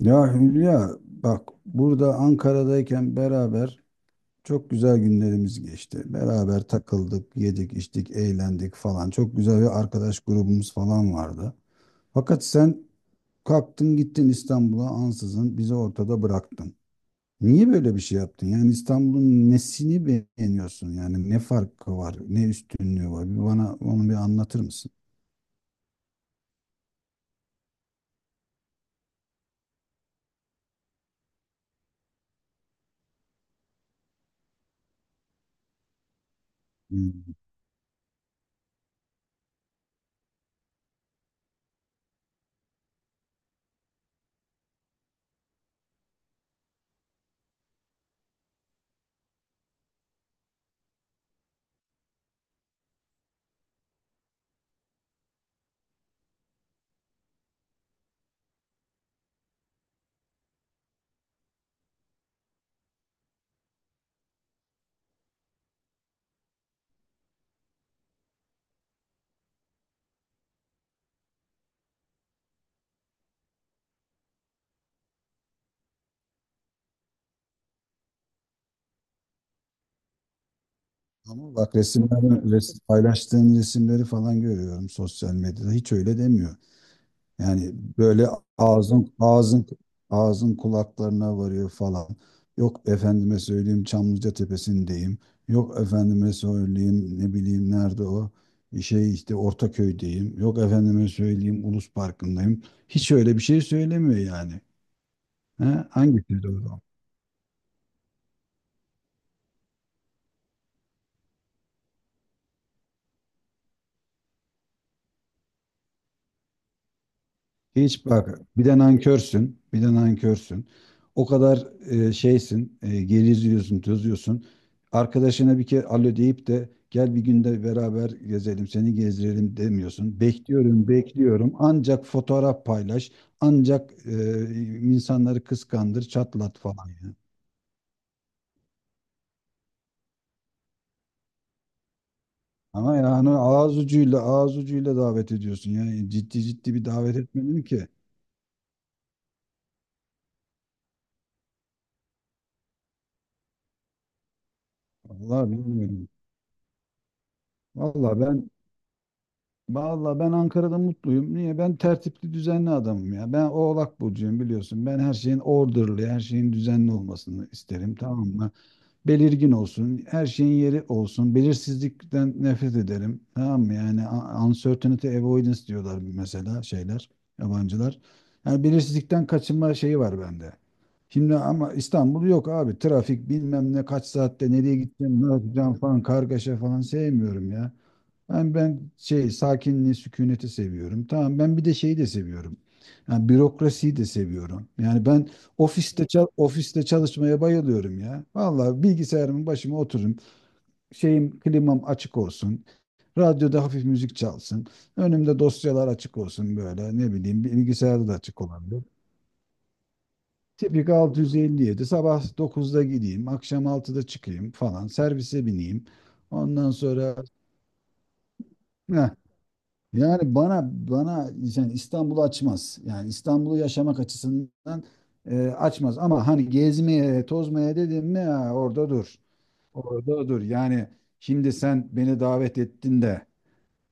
Ya Hülya bak burada Ankara'dayken beraber çok güzel günlerimiz geçti. Beraber takıldık, yedik, içtik, eğlendik falan. Çok güzel bir arkadaş grubumuz falan vardı. Fakat sen kalktın gittin İstanbul'a ansızın bizi ortada bıraktın. Niye böyle bir şey yaptın? Yani İstanbul'un nesini beğeniyorsun? Yani ne farkı var, ne üstünlüğü var? Bir bana onu bir anlatır mısın? Hmm. Ama bak resimler, resim, paylaştığın resimleri falan görüyorum sosyal medyada. Hiç öyle demiyor. Yani böyle ağzın ağzın ağzın kulaklarına varıyor falan. Yok efendime söyleyeyim Çamlıca Tepesi'ndeyim. Yok efendime söyleyeyim ne bileyim nerede o şey işte Ortaköy'deyim. Yok efendime söyleyeyim Ulus Parkı'ndayım. Hiç öyle bir şey söylemiyor yani. He? Hangisi doğru? Hiç bak bir de nankörsün, bir de nankörsün. O kadar şeysin, geriziyorsun, tozuyorsun. Arkadaşına bir kere alo deyip de gel bir günde beraber gezelim, seni gezdirelim demiyorsun. Bekliyorum, bekliyorum. Ancak fotoğraf paylaş, ancak insanları kıskandır, çatlat falan ya. Ama yani ağız ucuyla, ağız ucuyla davet ediyorsun. Yani ciddi ciddi bir davet etmedin ki. Vallahi bilmiyorum. Vallahi ben Vallahi ben Ankara'da mutluyum. Niye? Ben tertipli düzenli adamım ya. Ben Oğlak burcuyum biliyorsun. Ben her şeyin orderly, her şeyin düzenli olmasını isterim, tamam mı? Belirgin olsun, her şeyin yeri olsun. Belirsizlikten nefret ederim. Tamam mı? Yani uncertainty avoidance diyorlar mesela şeyler, yabancılar. Yani belirsizlikten kaçınma şeyi var bende. Şimdi ama İstanbul yok abi. Trafik bilmem ne kaç saatte nereye gideceğim, ne yapacağım falan kargaşa falan sevmiyorum ya. Ben şey sakinliği, sükuneti seviyorum. Tamam ben bir de şeyi de seviyorum. Yani bürokrasiyi de seviyorum. Yani ben ofiste çalışmaya bayılıyorum ya. Vallahi bilgisayarımın başıma otururum. Şeyim klimam açık olsun. Radyoda hafif müzik çalsın. Önümde dosyalar açık olsun böyle. Ne bileyim bilgisayarda da açık olabilir. Tipik 657 sabah dokuzda gideyim, akşam altıda çıkayım falan. Servise bineyim. Ondan sonra Heh, yani bana yani İstanbul'u açmaz. Yani İstanbul'u yaşamak açısından açmaz. Ama hani gezmeye, tozmaya dedim mi ha, orada dur. Orada dur. Yani şimdi sen beni davet ettin de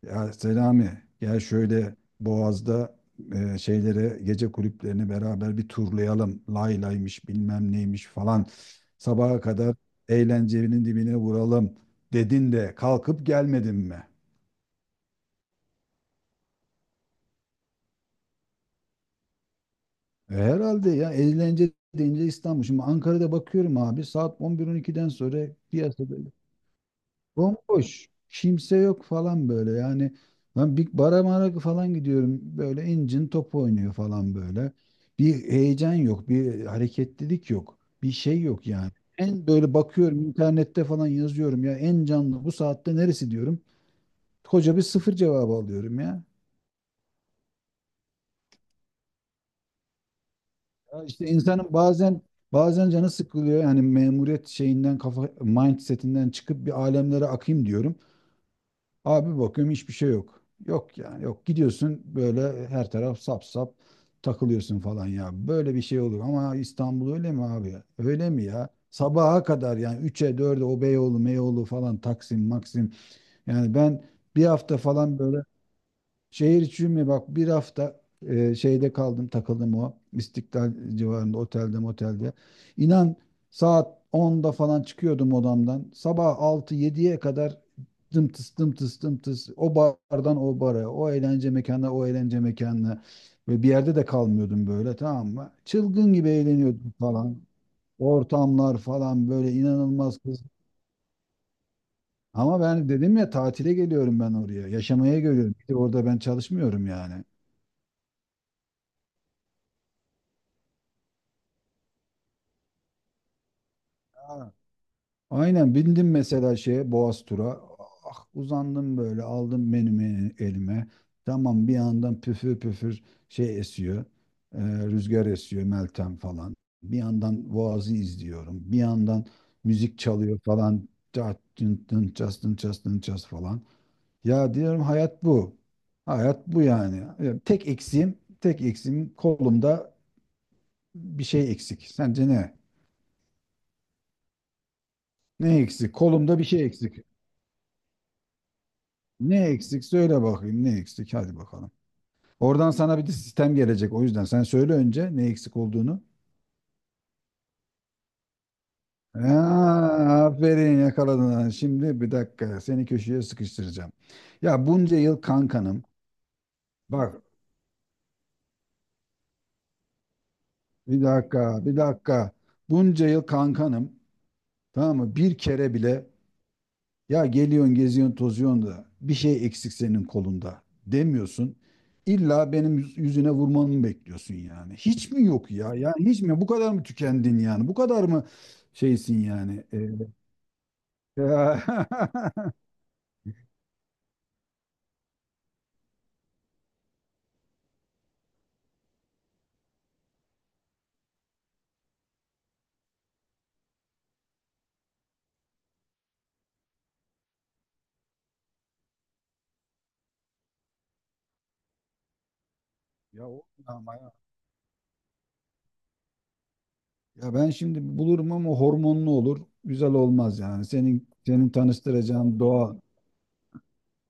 ya Selami gel şöyle Boğaz'da şeylere gece kulüplerini beraber bir turlayalım. Lay laymış bilmem neymiş falan. Sabaha kadar eğlencenin dibine vuralım dedin de kalkıp gelmedin mi? Herhalde ya, eğlence deyince İstanbul. Şimdi Ankara'da bakıyorum abi saat 11-12'den sonra piyasa böyle. Bomboş. Kimse yok falan böyle yani. Ben bir bara mara falan gidiyorum böyle incin top oynuyor falan böyle. Bir heyecan yok, bir hareketlilik yok, bir şey yok yani. En böyle bakıyorum internette falan yazıyorum ya en canlı bu saatte neresi diyorum. Koca bir sıfır cevabı alıyorum ya. Ya işte insanın bazen bazen canı sıkılıyor. Yani memuriyet şeyinden kafa mindsetinden çıkıp bir alemlere akayım diyorum. Abi bakıyorum hiçbir şey yok. Yok yani yok. Gidiyorsun böyle her taraf sap sap takılıyorsun falan ya. Böyle bir şey olur ama İstanbul öyle mi abi? Öyle mi ya? Sabaha kadar yani 3'e 4'e o Beyoğlu, Meyoğlu falan Taksim, Maksim. Yani ben bir hafta falan böyle şehir içi mi bak bir hafta şeyde kaldım takıldım o İstiklal civarında otelde motelde. İnan saat onda falan çıkıyordum odamdan. Sabah altı yediye kadar dımtıs dımtıs dımtıs o bardan o bara o eğlence mekanına o eğlence mekanına ve bir yerde de kalmıyordum böyle tamam mı? Çılgın gibi eğleniyordum falan. Ortamlar falan böyle inanılmaz kız. Ama ben dedim ya tatile geliyorum ben oraya. Yaşamaya geliyorum. Bir de orada ben çalışmıyorum yani. Aynen bindim mesela şeye Boğaz tura. Ah, uzandım böyle aldım menümü elime. Tamam bir yandan püfür püfür şey esiyor. e, Rüzgar esiyor Meltem falan. Bir yandan Boğaz'ı izliyorum. Bir yandan müzik çalıyor falan. Çat, tın, tın, ças, tın, ças, tın, ças falan. Ya diyorum hayat bu. Hayat bu yani. Ya tek eksiğim, tek eksiğim kolumda bir şey eksik. Sence ne? Ne eksik? Kolumda bir şey eksik. Ne eksik söyle bakayım ne eksik hadi bakalım. Oradan sana bir de sistem gelecek o yüzden sen söyle önce ne eksik olduğunu. Ha, aferin yakaladın. Ha, şimdi bir dakika seni köşeye sıkıştıracağım. Ya bunca yıl kankanım. Bak bir dakika bir dakika. Bunca yıl kankanım. Tamam mı? Bir kere bile ya geliyorsun, geziyorsun, tozuyorsun da bir şey eksik senin kolunda demiyorsun. İlla benim yüzüne vurmanı bekliyorsun yani. Hiç mi yok ya? Ya hiç mi? Bu kadar mı tükendin yani? Bu kadar mı şeysin yani? Ya, ya olmuyor ama ya. Ya ben şimdi bulurum ama hormonlu olur. Güzel olmaz yani. Senin tanıştıracağın doğal,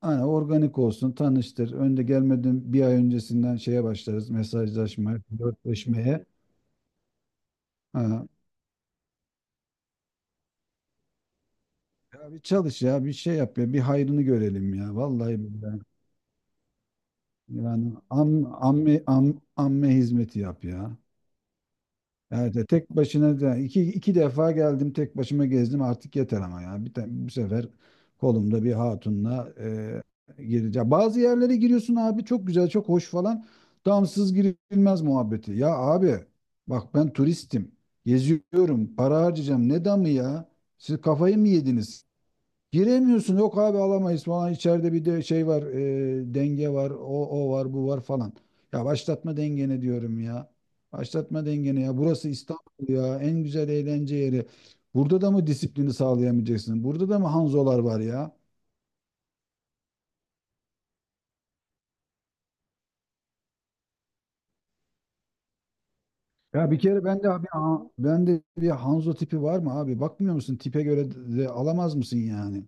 hani organik olsun, tanıştır. Önde gelmeden bir ay öncesinden şeye başlarız mesajlaşmaya, flörtleşmeye. Ha, ya bir çalış ya bir şey yap ya bir hayrını görelim ya vallahi billahi. Yani amme hizmeti yap ya. Evet evet, tek başına da iki, iki defa geldim tek başıma gezdim artık yeter ama ya bu sefer kolumda bir hatunla gireceğim. Bazı yerlere giriyorsun abi çok güzel çok hoş falan damsız girilmez muhabbeti. Ya abi bak ben turistim geziyorum para harcayacağım ne damı ya siz kafayı mı yediniz? Giremiyorsun. Yok abi alamayız falan. İçeride bir de şey var. Denge var. O var bu var falan. Ya başlatma dengeni diyorum ya. Başlatma dengeni ya. Burası İstanbul ya. En güzel eğlence yeri. Burada da mı disiplini sağlayamayacaksın? Burada da mı Hanzolar var ya? Ya bir kere bende abi ben de bir Hanzo tipi var mı abi? Bakmıyor musun? Tipe göre de alamaz mısın yani?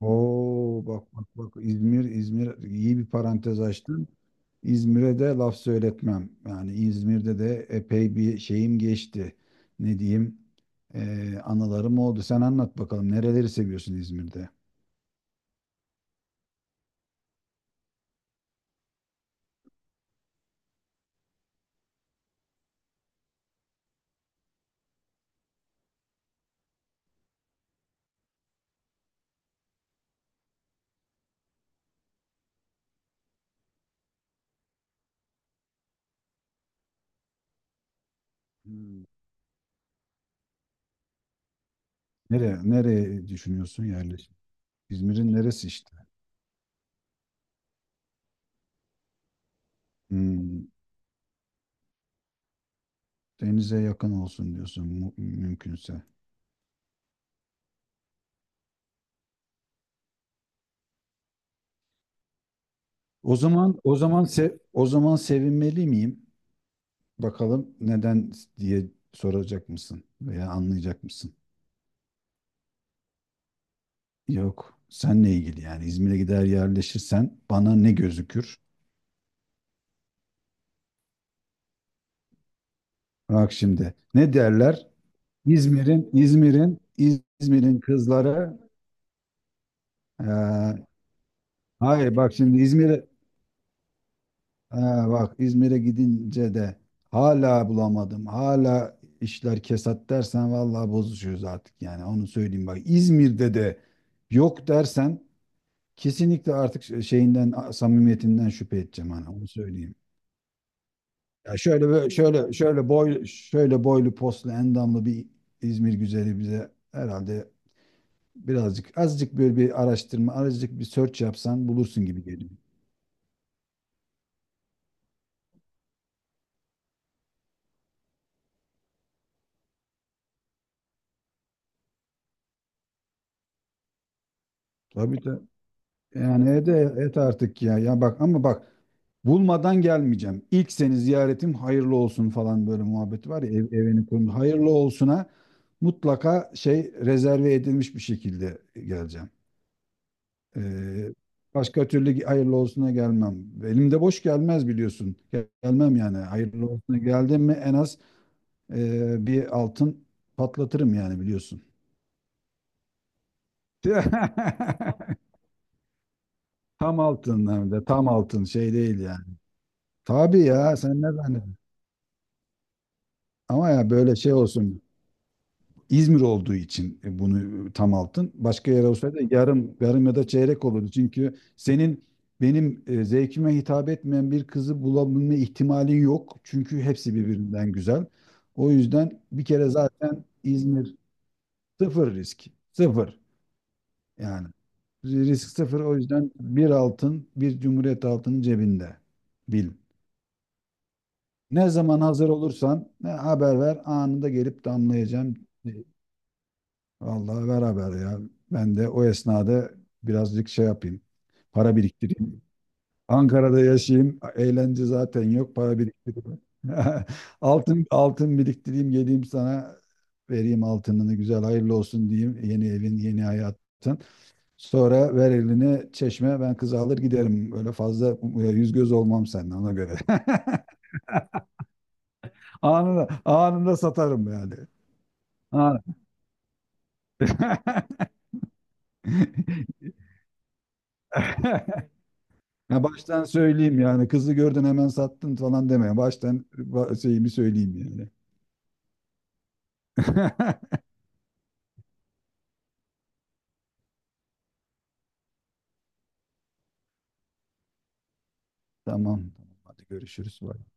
Oo bak bak bak, İzmir iyi bir parantez açtın. İzmir'e de laf söyletmem. Yani İzmir'de de epey bir şeyim geçti. Ne diyeyim? Anılarım oldu. Sen anlat bakalım nereleri seviyorsun İzmir'de? Hmm. Nereye düşünüyorsun yerleşim? İzmir'in neresi işte? Hmm, denize yakın olsun diyorsun mümkünse. O zaman sevinmeli miyim? Bakalım neden diye soracak mısın veya anlayacak mısın? Yok, senle ilgili yani İzmir'e gider yerleşirsen bana ne gözükür? Bak şimdi ne derler? İzmir'in İzmir'in İzmir'in kızları. eee, hayır bak şimdi İzmir'e eee, bak İzmir'e gidince de hala bulamadım. Hala işler kesat dersen vallahi bozuşuyoruz artık yani onu söyleyeyim bak İzmir'de de yok dersen kesinlikle artık şeyinden samimiyetinden şüphe edeceğim hani onu söyleyeyim. Ya şöyle böyle şöyle şöyle boy şöyle boylu poslu endamlı bir İzmir güzeli bize herhalde birazcık azıcık böyle bir araştırma azıcık bir search yapsan bulursun gibi geliyor. Tabii tabii. Yani et artık ya. Ya bak bulmadan gelmeyeceğim. İlk seni ziyaretim hayırlı olsun falan böyle muhabbet var ya evini kurmuş. Hayırlı olsuna mutlaka şey rezerve edilmiş bir şekilde geleceğim. Ee, başka türlü hayırlı olsuna gelmem. Elimde boş gelmez biliyorsun. Gelmem yani. Hayırlı olsuna geldim mi en az bir altın patlatırım yani biliyorsun. Tam altın, hem de tam altın şey değil yani. Tabii ya sen ne zannediyorsun? Ama ya böyle şey olsun. İzmir olduğu için bunu tam altın. Başka yer olsaydı yarım, yarım ya da çeyrek olurdu. Çünkü senin benim zevkime hitap etmeyen bir kızı bulabilme ihtimalin yok. Çünkü hepsi birbirinden güzel. O yüzden bir kere zaten İzmir sıfır risk. Sıfır yani. Risk sıfır o yüzden bir altın, bir cumhuriyet altının cebinde. Bil. Ne zaman hazır olursan ne haber ver anında gelip damlayacağım. e, Vallahi beraber ya. Ben de o esnada birazcık şey yapayım. Para biriktireyim. Ankara'da yaşayayım. Eğlence zaten yok. Para biriktireyim. Altın altın biriktireyim. Geleyim sana vereyim altınını. Güzel hayırlı olsun diyeyim. Yeni evin, yeni hayatın. Sonra ver elini çeşme. Ben kızı alır giderim. Öyle fazla yüz göz olmam seninle ona göre. Anında satarım yani. Ha. Ha baştan söyleyeyim yani kızı gördün hemen sattın falan deme. Baştan şeyimi söyleyeyim yani. Tamam. Hadi görüşürüz. Bye.